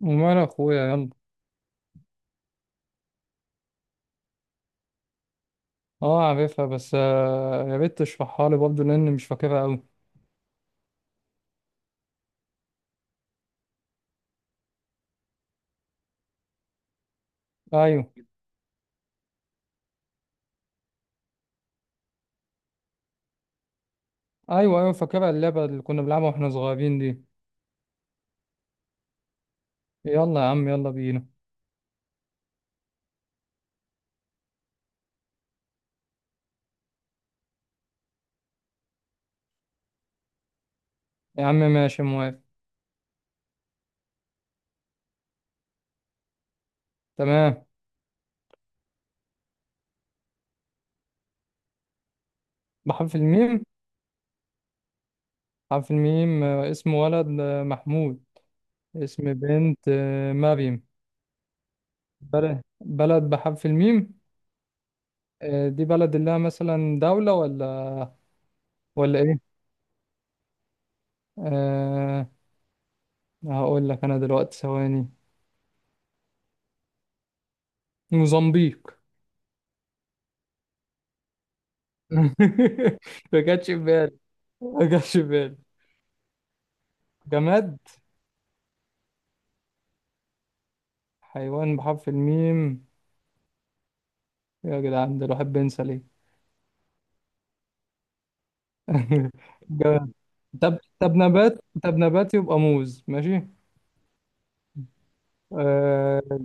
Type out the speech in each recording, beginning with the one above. ومال اخويا يلا. اه عارفها بس يا ريت تشرحها لي برضه لان مش فاكرها قوي. ايوه ايوه ايوه فاكرها اللعبه اللي كنا بنلعبها واحنا صغيرين دي. يلا يا عم يلا بينا. يا عم ماشي موافق. تمام. بحرف الميم. بحرف الميم، اسم ولد محمود. اسم بنت مريم. بلد بحرف الميم. آه، دي بلد اللي هي مثلا دولة ولا، ولا ايه؟ أه. هقول لك انا دلوقتي ثواني. موزمبيق. ما جاتش في بالي. ما جاتش في بالي. جماد. حيوان بحرف الميم. يا جدعان ده الواحد بينسى ليه؟ جماد. طب نبات، طب نبات يبقى موز. ماشي. آه.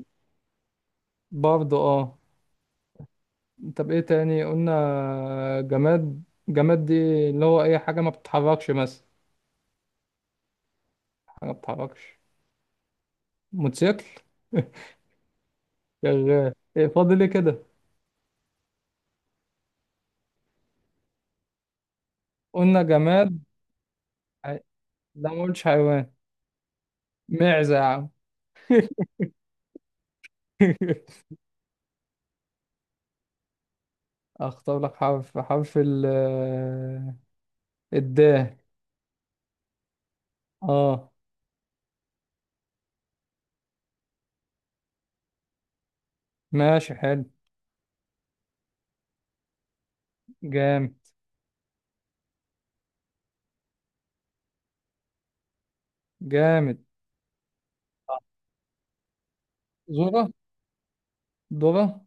برضه اه. طب ايه تاني قلنا؟ جماد. جماد دي اللي هو اي حاجة ما بتتحركش مثلا. حاجة ما بتتحركش. موتوسيكل. شغال. ايه فاضل ايه كده؟ قلنا جماد. ح- لا، ما قلتش حيوان. معزة يا عم. اختار لك حرف، حرف ال الدال اه. ماشي حلو. جامد. جامد. زورة. دورة.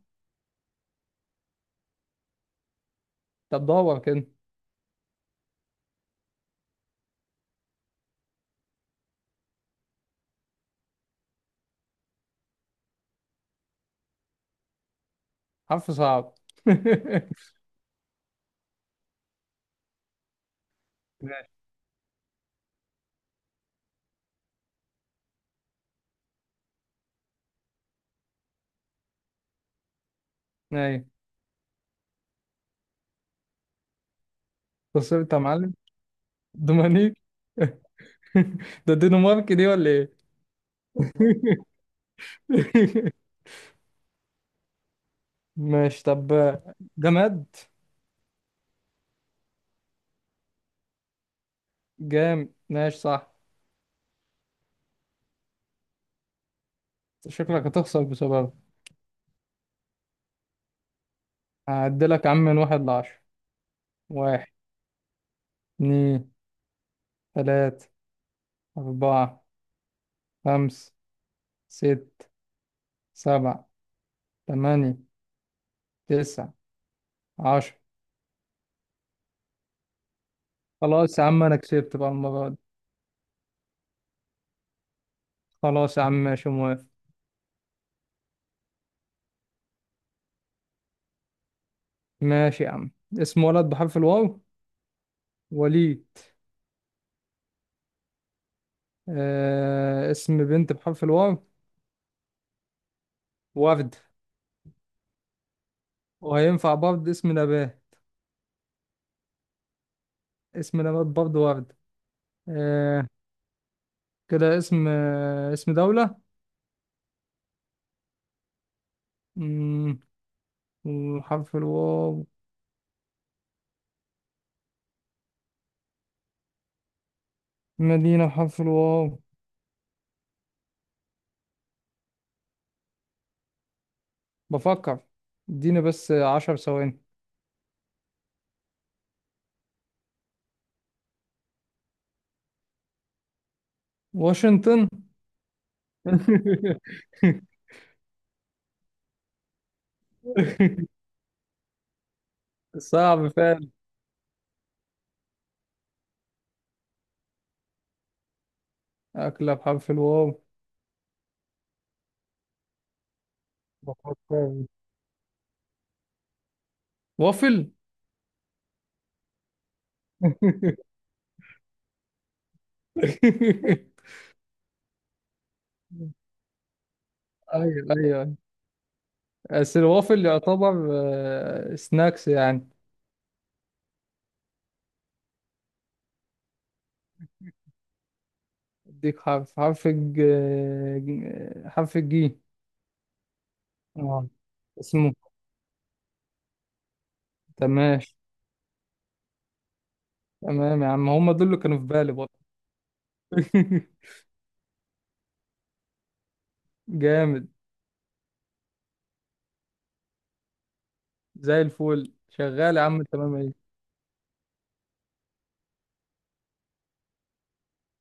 طب دور كده. حرف صعب. ماشي. ايوه. خسرت يا معلم. دومانيك. ده الدنمارك دي ولا ايه؟ ماشي طب. جماد. جامد ماشي صح. شكلك هتخسر بسببه. هعدلك يا عم من واحد لعشرة. واحد، اتنين، تلاتة، أربعة، خمسة، ست، سبعة، تمانية، تسعة، عشرة. خلاص يا عم، أنا كسبت بقى المرة دي. خلاص يا عم ماشي موافق. ماشي يا عم. اسم ولد بحرف الواو، وليد. آه، اسم بنت بحرف الواو، وردة. وهينفع برضه اسم نبات. اسم نبات برضه وردة. آه. كده اسم، اسم دولة. مم، وحرف الواو. مدينة بحرف الواو. بفكر. اديني بس عشر ثواني. واشنطن. صعب فعلا. أكلة بحرف الواو. بفكر. وافل. أيوه أيوه. بس الوافل يعتبر سناكس يعني. أديك حرف حرف الج ج- حرف الجي. اه. اسمه. تمام. تمام يا عم، هم دول اللي كانوا في بالي برضه. جامد. زي الفل شغال يا عم تمام. ايه؟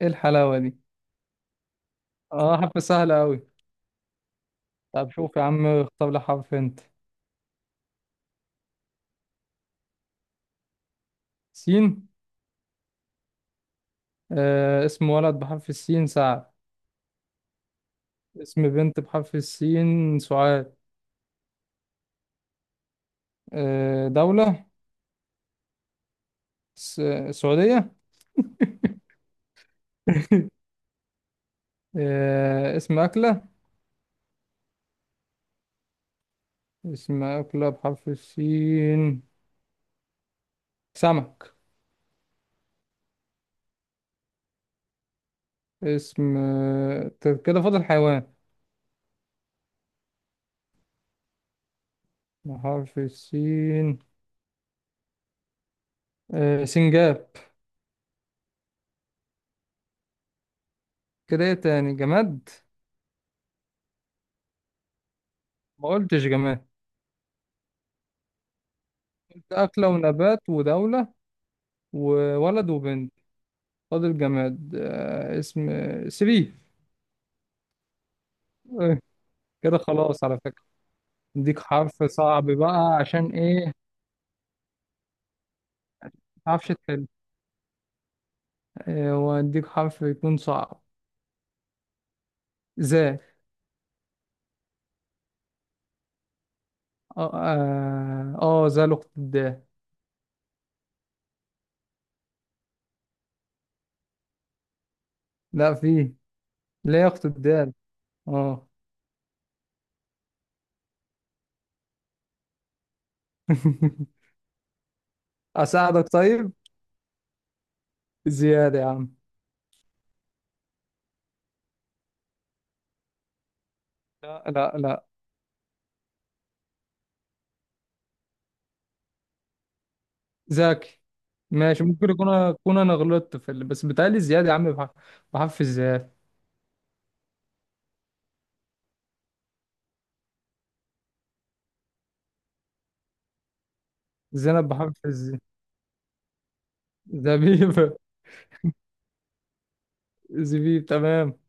ايه الحلاوة دي؟ اه حرف سهلة أوي. طب شوف يا عم، اختار لي حرف انت. سين. آه، اسم ولد بحرف السين، سعد. اسم بنت بحرف السين، سعاد. آه، دولة. س... سعودية. آه، اسم أكلة. اسم أكلة بحرف السين، سمك. اسم كده فاضل حيوان بحرف السين. آه، سنجاب. كده ايه تاني؟ جماد؟ ما قلتش جماد. أكلة ونبات ودولة وولد وبنت. فاضل جماد. اسم سري. آه، كده خلاص على فكرة. اديك حرف صعب بقى، عشان ايه؟ متعرفش تحل. واديك حرف يكون صعب. ذا. اه اه، ذا لقطة الدال. لا فيه، لا يا اخت الدال. اه. اساعدك طيب. زيادة يا عم. لا لا لا. ذاكي. ماشي، ممكن يكون اكون انا غلطت في ال... بس بتهيألي زيادة يا عم، بحرف، بحرف الزيادة. زينب بحرف الز. زبيب. زبيب تمام.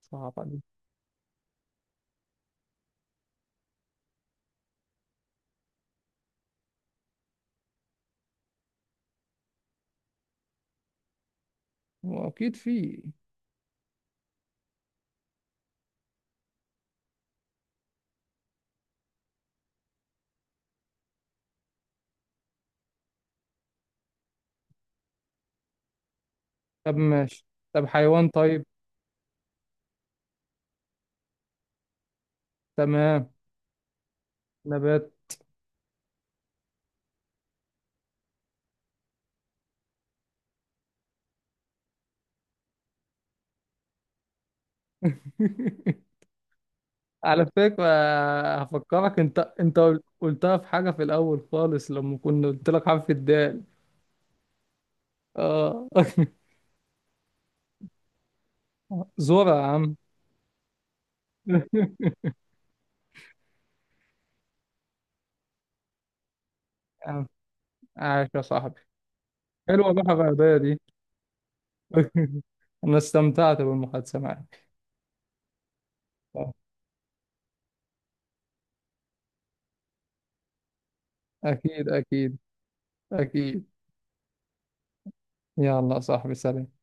صعبة دي. هو أكيد في. طب ماشي. طب حيوان طيب. تمام. نبات. على فكرة، هفكرك أنت، قلتها في حاجة في الأول خالص، لما كنا قلت لك حرف الدال. آه. زورة يا عم. يا عم، عاش يا صاحبي. حلوة الروح الرياضية دي. أنا استمتعت بالمحادثة معك. أكيد أكيد. يلا يا صاحبي، سلام.